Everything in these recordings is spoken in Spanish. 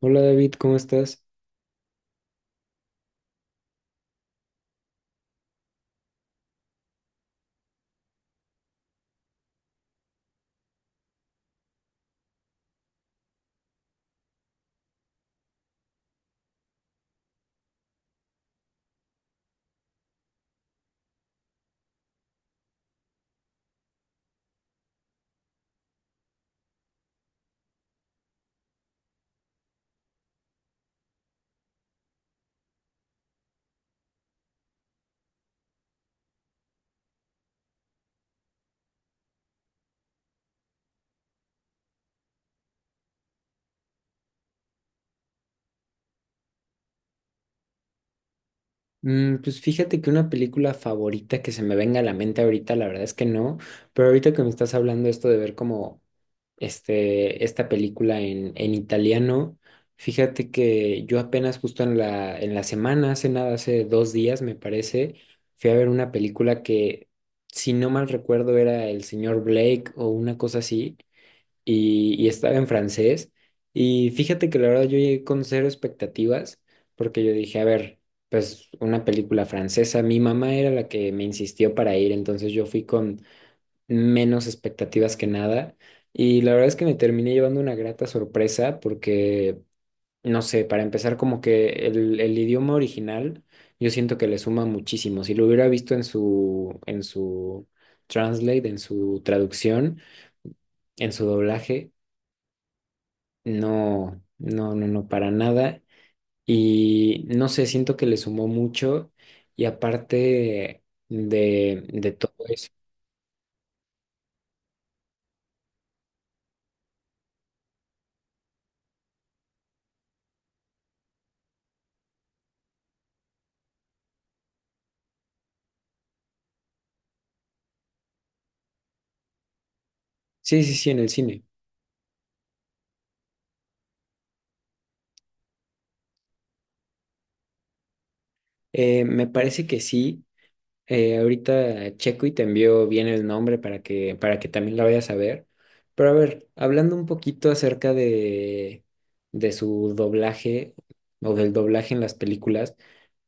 Hola David, ¿cómo estás? Mm, pues fíjate que una película favorita que se me venga a la mente ahorita, la verdad es que no, pero ahorita que me estás hablando esto de ver como esta película en italiano, fíjate que yo apenas justo en en la semana, hace nada, hace dos días me parece, fui a ver una película que, si no mal recuerdo, era El Señor Blake o una cosa así. Y estaba en francés. Y fíjate que la verdad yo llegué con cero expectativas porque yo dije, a ver, pues una película francesa, mi mamá era la que me insistió para ir, entonces yo fui con menos expectativas que nada. Y la verdad es que me terminé llevando una grata sorpresa porque, no sé, para empezar como que el idioma original yo siento que le suma muchísimo. Si lo hubiera visto en en su translate, en su traducción, en su doblaje. No, no, no, no, para nada. Y no sé, siento que le sumó mucho y aparte de todo eso. Sí, sí, sí, en el cine. Me parece que sí. Ahorita checo y te envío bien el nombre para para que también la vayas a ver. Pero a ver, hablando un poquito acerca de su doblaje o del doblaje en las películas.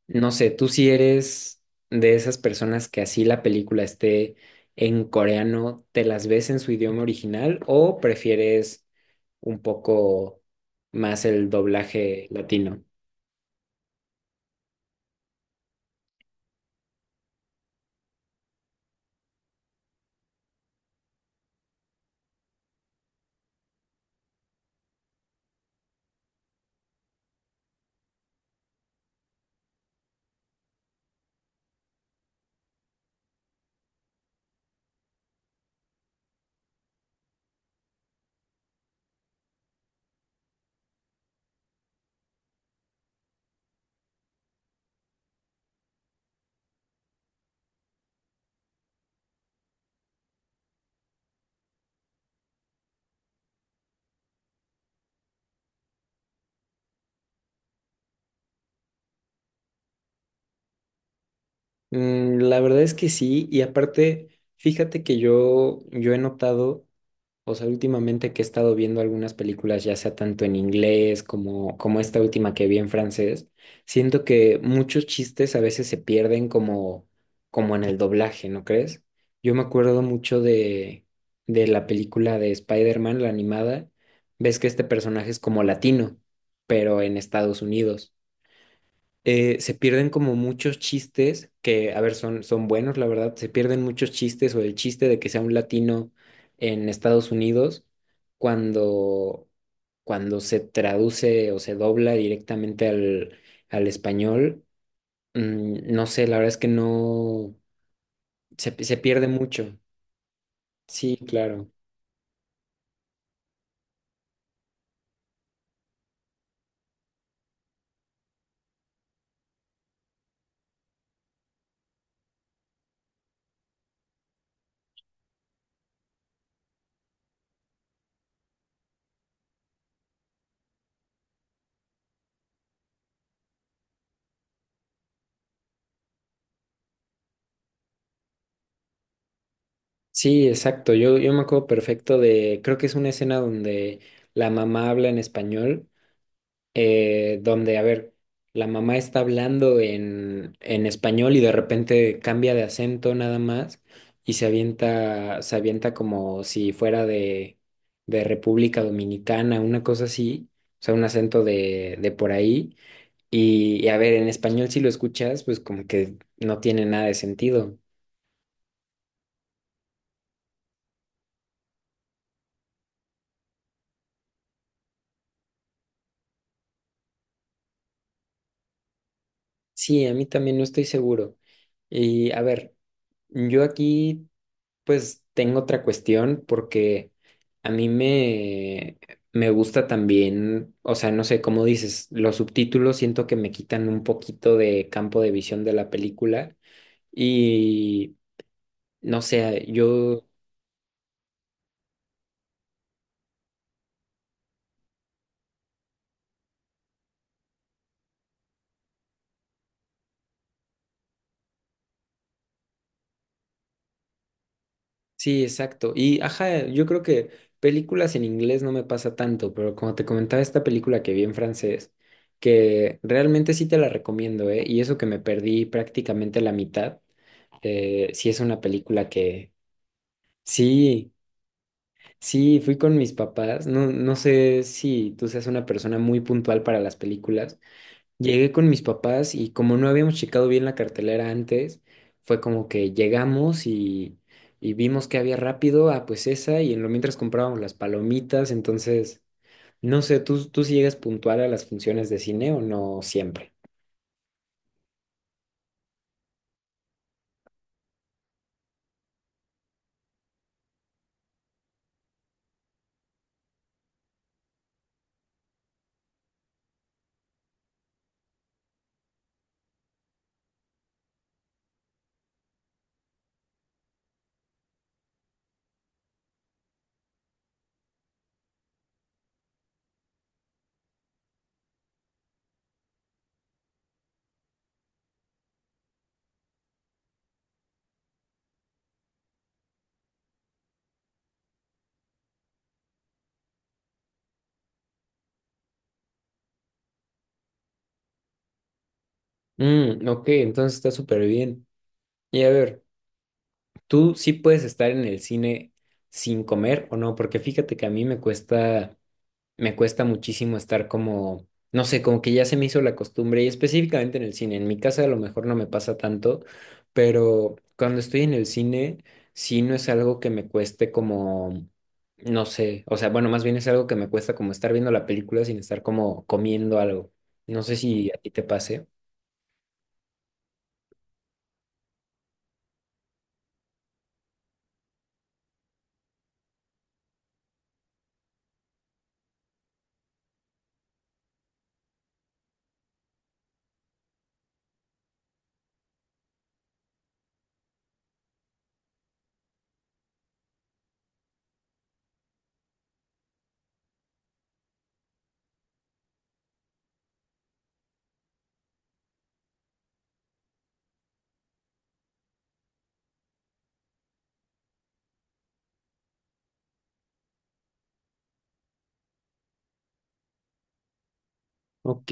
No sé, tú si eres de esas personas que así la película esté en coreano, ¿te las ves en su idioma original o prefieres un poco más el doblaje latino? Mm, la verdad es que sí, y aparte, fíjate que yo he notado, o sea, últimamente que he estado viendo algunas películas, ya sea tanto en inglés como, como esta última que vi en francés, siento que muchos chistes a veces se pierden como, como en el doblaje, ¿no crees? Yo me acuerdo mucho de la película de Spider-Man, la animada, ves que este personaje es como latino, pero en Estados Unidos se pierden como muchos chistes que, a ver, son, son buenos, la verdad, se pierden muchos chistes o el chiste de que sea un latino en Estados Unidos cuando, cuando se traduce o se dobla directamente al, al español. Mm, no sé, la verdad es que no, se pierde mucho. Sí, claro. Sí, exacto. Yo me acuerdo perfecto de, creo que es una escena donde la mamá habla en español donde, a ver, la mamá está hablando en español y de repente cambia de acento nada más y se avienta como si fuera de República Dominicana, una cosa así, o sea, un acento de por ahí. Y a ver, en español si lo escuchas, pues como que no tiene nada de sentido. Sí, a mí también no estoy seguro. Y a ver, yo aquí pues tengo otra cuestión porque a me gusta también, o sea, no sé cómo dices, los subtítulos siento que me quitan un poquito de campo de visión de la película y no sé, yo sí, exacto. Y ajá, yo creo que películas en inglés no me pasa tanto, pero como te comentaba esta película que vi en francés, que realmente sí te la recomiendo, ¿eh? Y eso que me perdí prácticamente la mitad, sí es una película que... Sí, sí, fui con mis papás. No, no sé si tú seas una persona muy puntual para las películas. Llegué con mis papás y como no habíamos checado bien la cartelera antes, fue como que y vimos que había rápido, ah, pues esa, y en lo mientras comprábamos las palomitas. Entonces, no sé, tú si llegas puntual a las funciones de cine o no siempre? Mm, ok, entonces está súper bien. Y a ver, ¿tú sí puedes estar en el cine sin comer o no? Porque fíjate que a mí me cuesta muchísimo estar como, no sé, como que ya se me hizo la costumbre y específicamente en el cine. En mi casa a lo mejor no me pasa tanto, pero cuando estoy en el cine, sí no es algo que me cueste como, no sé, o sea, bueno, más bien es algo que me cuesta como estar viendo la película sin estar como comiendo algo. No sé si a ti te pase. Ok.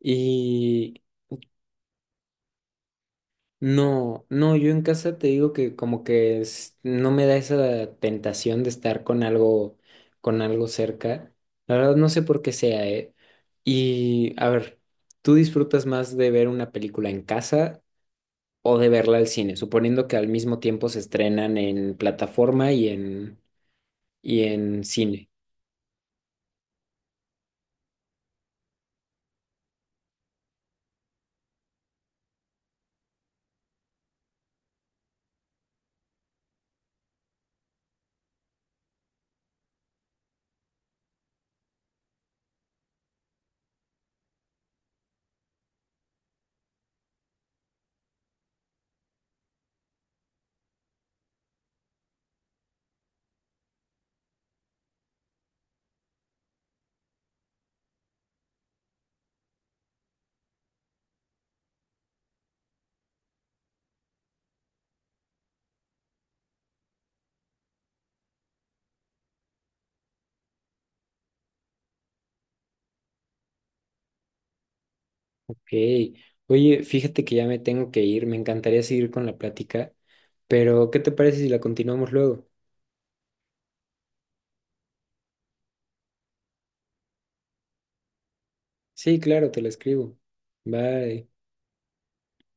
¿Y no, no, yo en casa te digo que como que es- no me da esa tentación de estar con algo cerca. La verdad no sé por qué sea, ¿eh? Y a ver, ¿tú disfrutas más de ver una película en casa o de verla al cine? Suponiendo que al mismo tiempo se estrenan en plataforma y en cine. Ok. Oye, fíjate que ya me tengo que ir, me encantaría seguir con la plática, pero ¿qué te parece si la continuamos luego? Sí, claro, te la escribo. Bye.